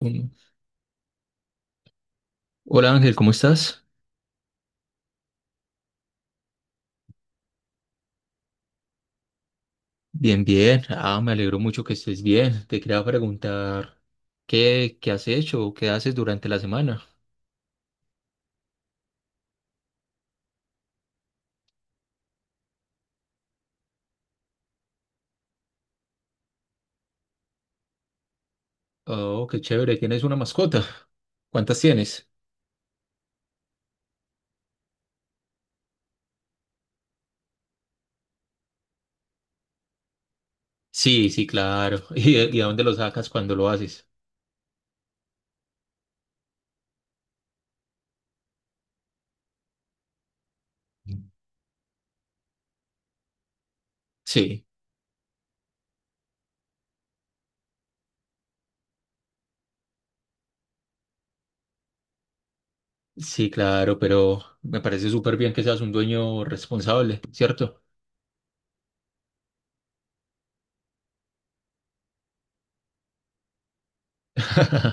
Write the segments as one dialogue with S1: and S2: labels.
S1: Uno. Hola Ángel, ¿cómo estás? Bien, bien. Ah, me alegro mucho que estés bien. Te quería preguntar, ¿qué has hecho o qué haces durante la semana? Oh, qué chévere, ¿tienes una mascota? ¿Cuántas tienes? Sí, sí, claro. ¿Y a dónde lo sacas cuando lo haces? Sí, sí, claro, pero me parece súper bien que seas un dueño responsable, ¿cierto?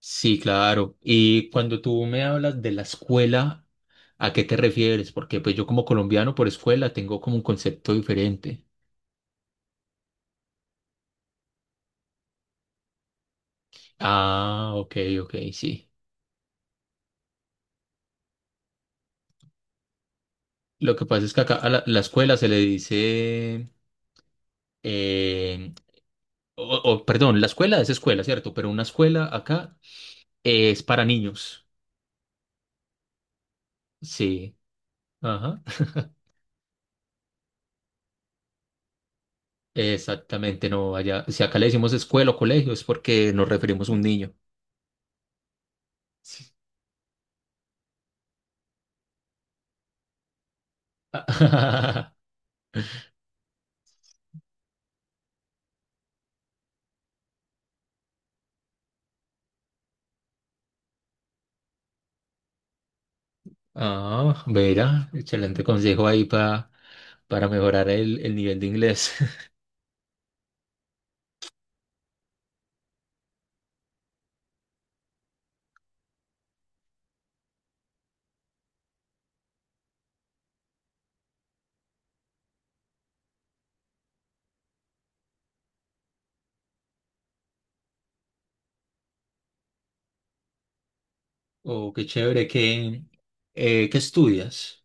S1: Sí, claro. Y cuando tú me hablas de la escuela, ¿a qué te refieres? Porque pues yo como colombiano por escuela tengo como un concepto diferente. Ah, ok, ok, sí. Lo que pasa es que acá a la escuela se le dice, eh, o, perdón, la escuela es escuela, ¿cierto? Pero una escuela acá es para niños. Sí, ajá. Exactamente, no, allá, si acá le decimos escuela o colegio es porque nos referimos a un niño. Sí. Ah, verá, excelente consejo ahí para mejorar el nivel de inglés. Oh, qué chévere, ¿ qué estudias?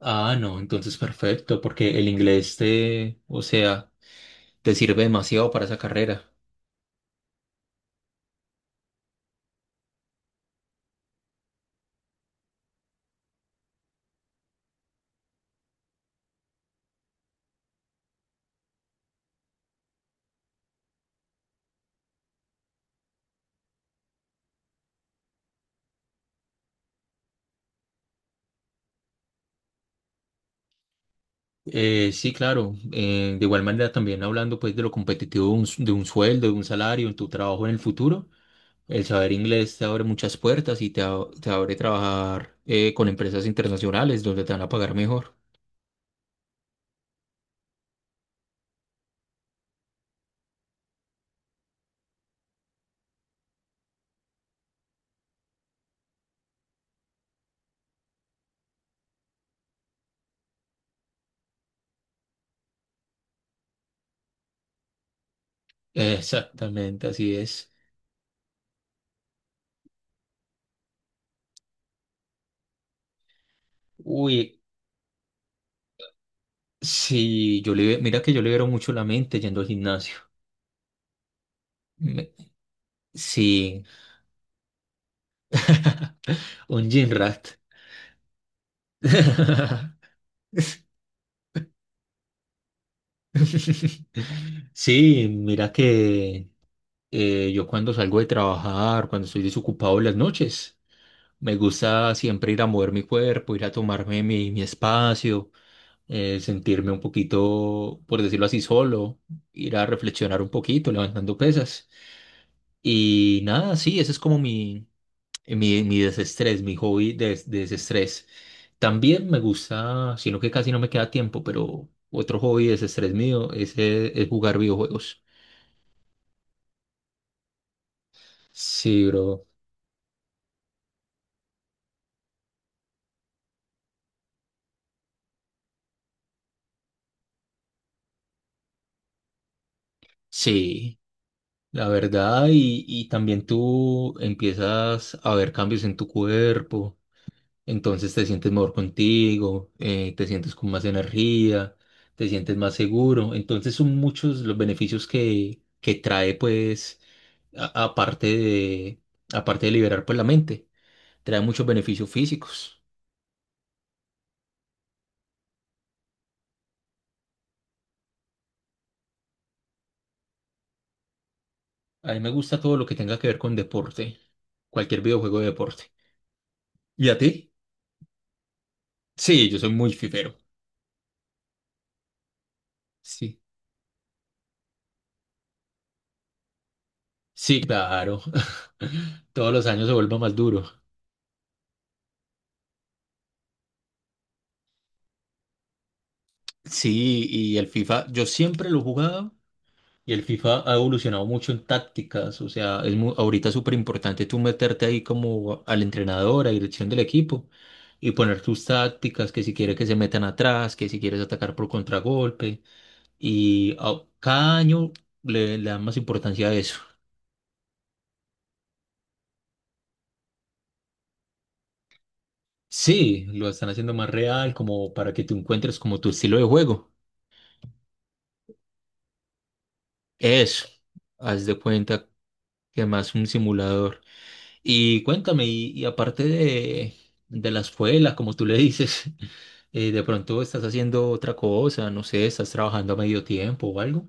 S1: Ah, no, entonces perfecto, porque el inglés o sea, te sirve demasiado para esa carrera. Sí, claro, de igual manera también hablando pues de lo competitivo de de un sueldo, de un salario, en tu trabajo en el futuro, el saber inglés te abre muchas puertas y te abre trabajar con empresas internacionales donde te van a pagar mejor. Exactamente, así es. Uy, sí, yo libero, mira que yo libero mucho la mente yendo al gimnasio. Me- sí, un gym rat. Sí, mira que yo cuando salgo de trabajar, cuando estoy desocupado en las noches, me gusta siempre ir a mover mi cuerpo, ir a tomarme mi espacio, sentirme un poquito, por decirlo así, solo, ir a reflexionar un poquito, levantando pesas. Y nada, sí, ese es como mi desestrés, mi hobby de desestrés. También me gusta, sino que casi no me queda tiempo, pero otro hobby de desestrés mío es jugar videojuegos. Sí, bro. Sí, la verdad, y también tú empiezas a ver cambios en tu cuerpo. Entonces te sientes mejor contigo, te sientes con más energía, te sientes más seguro. Entonces son muchos los beneficios que trae, pues, a- aparte de, aparte de liberar, pues, la mente. Trae muchos beneficios físicos. A mí me gusta todo lo que tenga que ver con deporte, cualquier videojuego de deporte. ¿Y a ti? Sí, yo soy muy fifero. Sí. Sí, claro. Todos los años se vuelve más duro. Sí, y el FIFA, yo siempre lo he jugado. Y el FIFA ha evolucionado mucho en tácticas, o sea, ahorita es súper importante tú meterte ahí como al entrenador, a dirección del equipo y poner tus tácticas, que si quieres que se metan atrás, que si quieres atacar por contragolpe y cada año le dan más importancia a eso. Sí, lo están haciendo más real como para que tú encuentres como tu estilo de juego. Eso, haz de cuenta que más un simulador. Y cuéntame, y aparte de la escuela, como tú le dices. Eh, de pronto estás haciendo otra cosa, no sé, estás trabajando a medio tiempo o algo.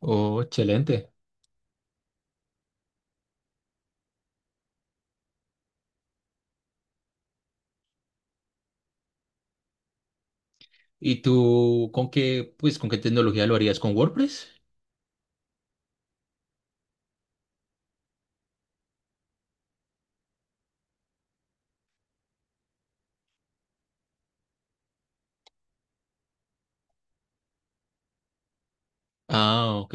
S1: Oh, excelente. ¿Y tú con qué, pues, con qué tecnología lo harías? ¿Con WordPress? Ah, ok.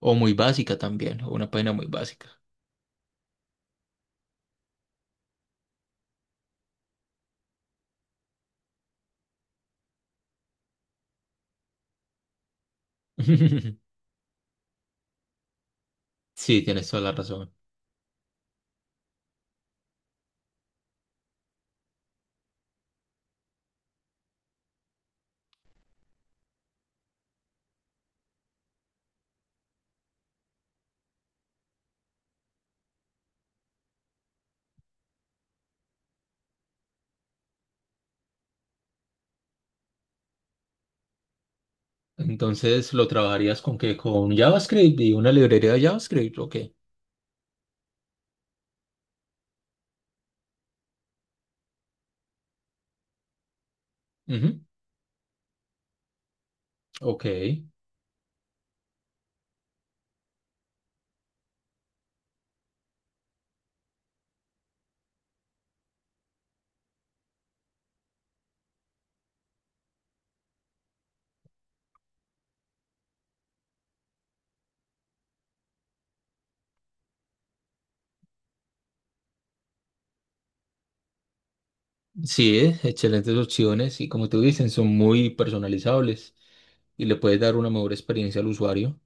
S1: O muy básica también, o una página muy básica. Sí, tienes toda la razón. Entonces, ¿lo trabajarías con qué? ¿Con JavaScript y una librería de JavaScript? Ok. Ujú, ok. Sí, excelentes opciones y como tú dices, son muy personalizables y le puedes dar una mejor experiencia al usuario.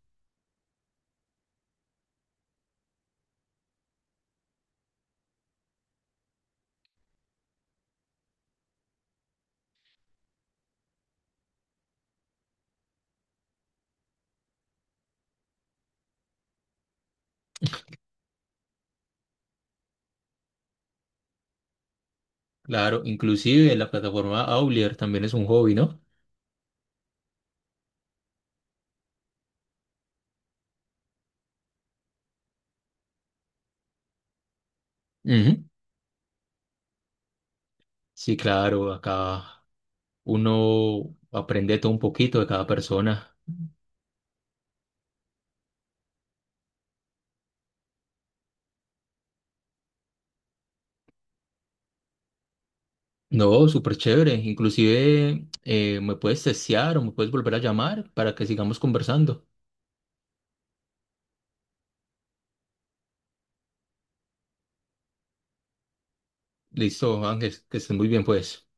S1: Claro, inclusive la plataforma Aulier también es un hobby, ¿no? Ujú. Sí, claro, acá uno aprende todo un poquito de cada persona. No, súper chévere. Inclusive me puedes testear o me puedes volver a llamar para que sigamos conversando. Listo, Ángel, que estés muy bien, pues.